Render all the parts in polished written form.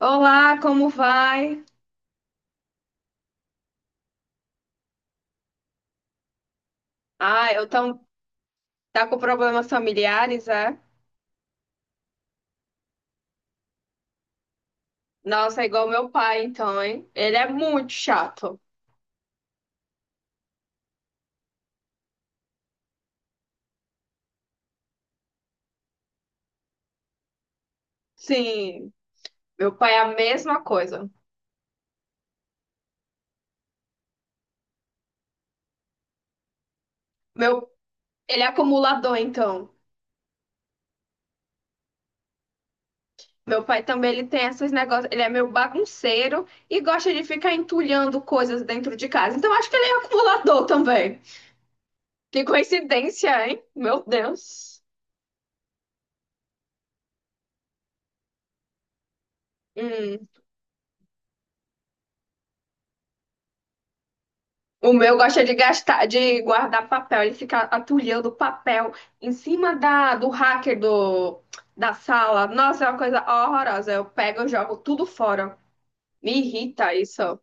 Olá, como vai? Ah, eu tão, tá com problemas familiares, é? Nossa, é igual meu pai, então, hein? Ele é muito chato. Sim, meu pai é a mesma coisa. Meu, ele é acumulador, então. Meu pai também, ele tem esses negócios, ele é meio bagunceiro e gosta de ficar entulhando coisas dentro de casa. Então, acho que ele é acumulador também. Que coincidência, hein? Meu Deus. Hum. O meu gosta de gastar, de guardar papel. Ele fica atulhando papel em cima do hacker do, da sala. Nossa, é uma coisa horrorosa. Eu pego e jogo tudo fora. Me irrita isso.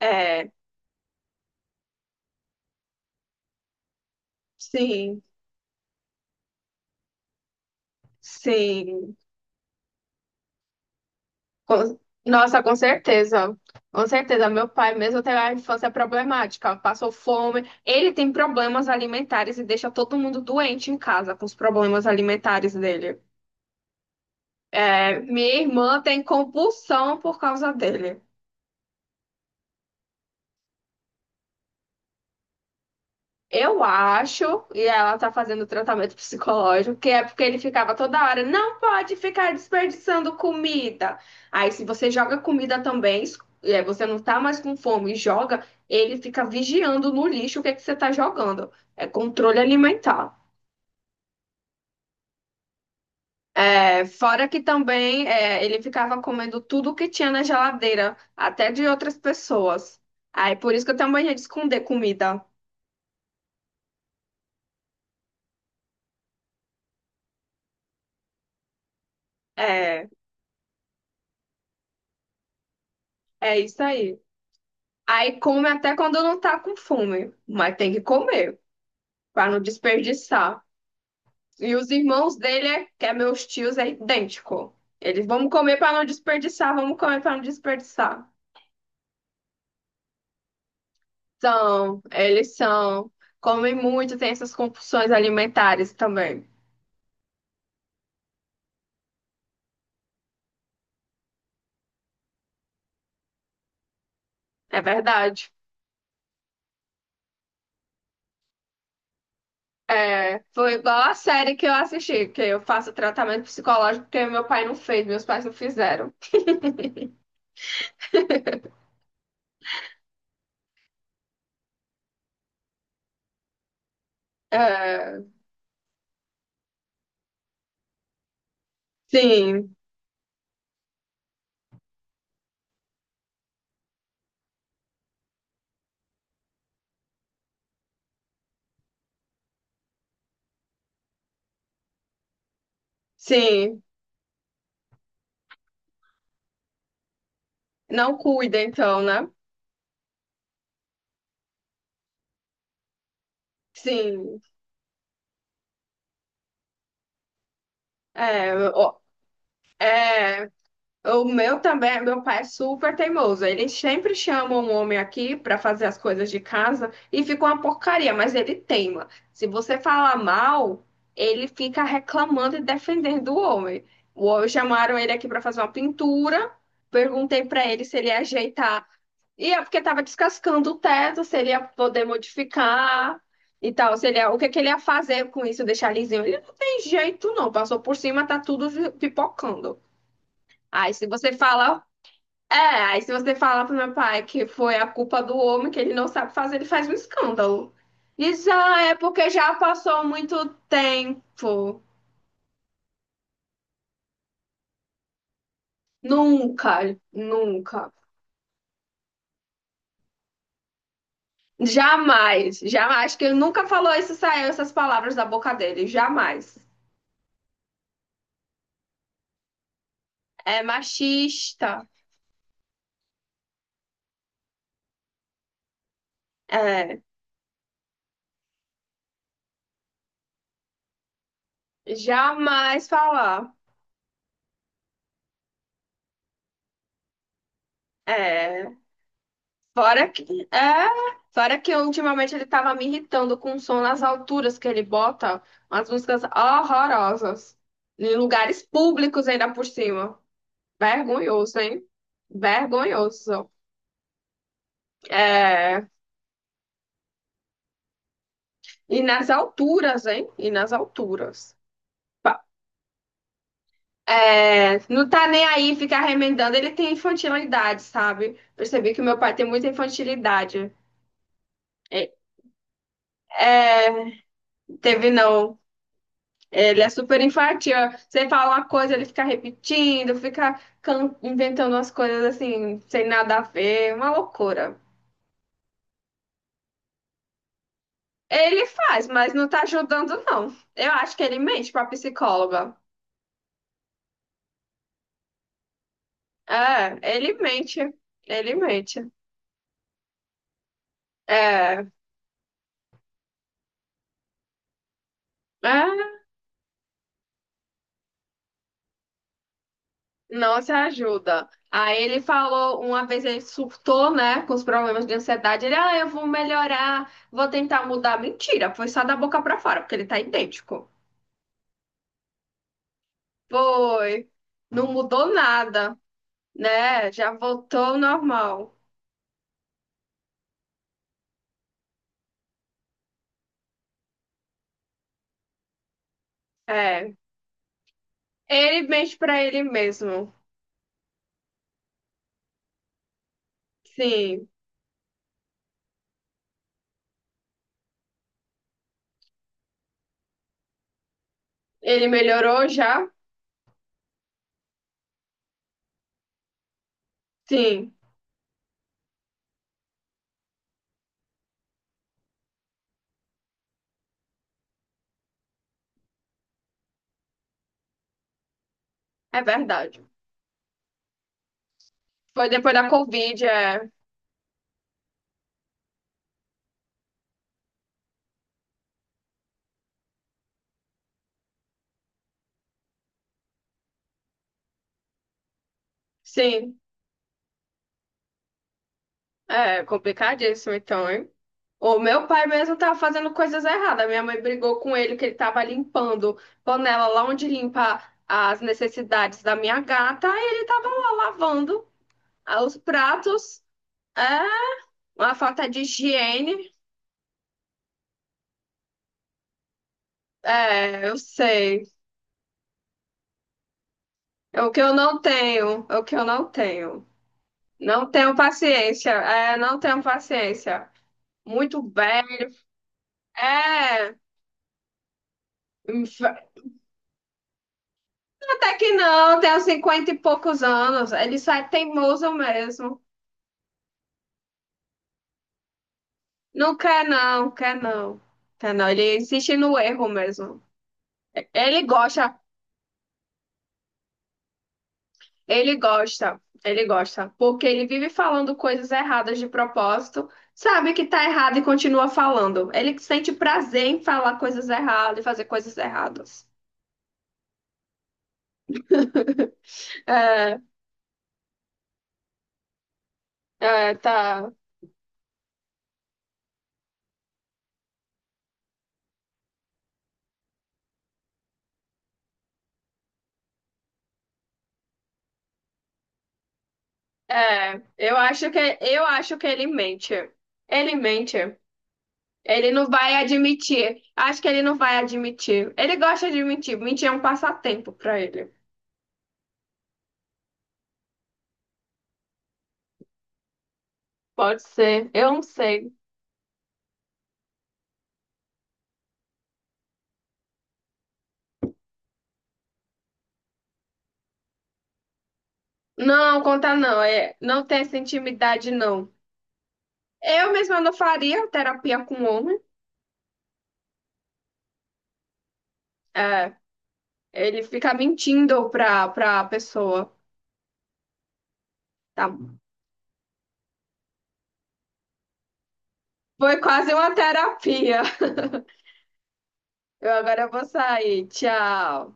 É, sim, sim. Com- Nossa, com certeza. Com certeza. Meu pai, mesmo teve a infância problemática, passou fome. Ele tem problemas alimentares e deixa todo mundo doente em casa com os problemas alimentares dele. É, minha irmã tem compulsão por causa dele. Eu acho, e ela tá fazendo tratamento psicológico, que é porque ele ficava toda hora, não pode ficar desperdiçando comida. Aí, se você joga comida também, você não tá mais com fome e joga, ele fica vigiando no lixo o que é que você tá jogando. É controle alimentar. É, fora que também é, ele ficava comendo tudo que tinha na geladeira, até de outras pessoas. Aí, por isso que eu tenho mania de esconder comida. É, é isso aí. Aí come até quando não tá com fome, mas tem que comer para não desperdiçar. E os irmãos dele, que é meus tios, é idêntico. Eles vamos comer para não desperdiçar, vamos comer para não desperdiçar. São, eles são, comem muito, tem essas compulsões alimentares também. É verdade. É, foi igual a série que eu assisti, que eu faço tratamento psicológico porque meu pai não fez, meus pais não fizeram. É, sim, sim. Não cuida então, né? Sim, é, ó, o meu também, meu pai é super teimoso. Eles sempre chamam um homem aqui para fazer as coisas de casa e fica uma porcaria, mas ele teima. Se você falar mal, ele fica reclamando e defendendo o homem. O homem chamaram ele aqui para fazer uma pintura. Perguntei para ele se ele ia ajeitar. E é porque estava descascando o teto, se ele ia poder modificar e tal, se ele ia- o que que ele ia fazer com isso, deixar lisinho. Ele não tem jeito não, passou por cima, tá tudo pipocando. Aí se você fala, é, aí se você fala pro meu pai que foi a culpa do homem, que ele não sabe fazer, ele faz um escândalo. Diz, ah, é porque já passou muito tempo. Nunca, nunca. Jamais, jamais, acho que ele nunca falou isso, saiu essas palavras da boca dele, jamais. É machista, é, jamais falar. É, fora que, é, fora que ultimamente ele tava me irritando com o som nas alturas que ele bota umas músicas horrorosas. Em lugares públicos ainda por cima. Vergonhoso, hein? Vergonhoso. É, e nas alturas, hein? E nas alturas. Pa- É, não tá nem aí ficar remendando. Ele tem infantilidade, sabe? Percebi que meu pai tem muita infantilidade. É, é, teve não. Ele é super infantil. Você fala uma coisa, ele fica repetindo, inventando umas coisas assim, sem nada a ver, uma loucura. Ele faz, mas não tá ajudando, não. Eu acho que ele mente pra psicóloga. É, ele mente. Ele mente. É, é, não se ajuda. Aí ele falou, uma vez ele surtou, né, com os problemas de ansiedade. Ele, ah, eu vou melhorar, vou tentar mudar. Mentira, foi só da boca pra fora, porque ele tá idêntico. Foi. Não mudou nada, né? Já voltou ao normal. É. Ele mente pra ele mesmo. Sim. Ele melhorou já? Sim. É verdade. Foi depois da Covid, é. Sim. É complicadíssimo, então, hein? O meu pai mesmo tava fazendo coisas erradas. Minha mãe brigou com ele que ele tava limpando panela lá onde limpa as necessidades da minha gata. E ele tava lá lavando ah, os pratos. É. Uma falta de higiene. É, eu sei. É o que eu não tenho. É o que eu não tenho. Não tenho paciência. É, não tenho paciência. Muito bem. É. Até que não, tenho 50 e poucos anos. Ele sai teimoso mesmo. Não quer não, quer não. Quer não. Ele insiste no erro mesmo. Ele gosta, ele gosta, ele gosta, porque ele vive falando coisas erradas de propósito, sabe que tá errado e continua falando. Ele sente prazer em falar coisas erradas e fazer coisas erradas. É, é, tá. É, eu acho que ele mente. Ele mente. Ele não vai admitir. Acho que ele não vai admitir. Ele gosta de mentir. Mentir é um passatempo pra ele. Pode ser. Eu não sei. Não, conta não. É, não tem essa intimidade, não. Eu mesma não faria terapia com homem. É, ele fica mentindo pra pessoa. Tá? Foi quase uma terapia. Eu agora vou sair. Tchau.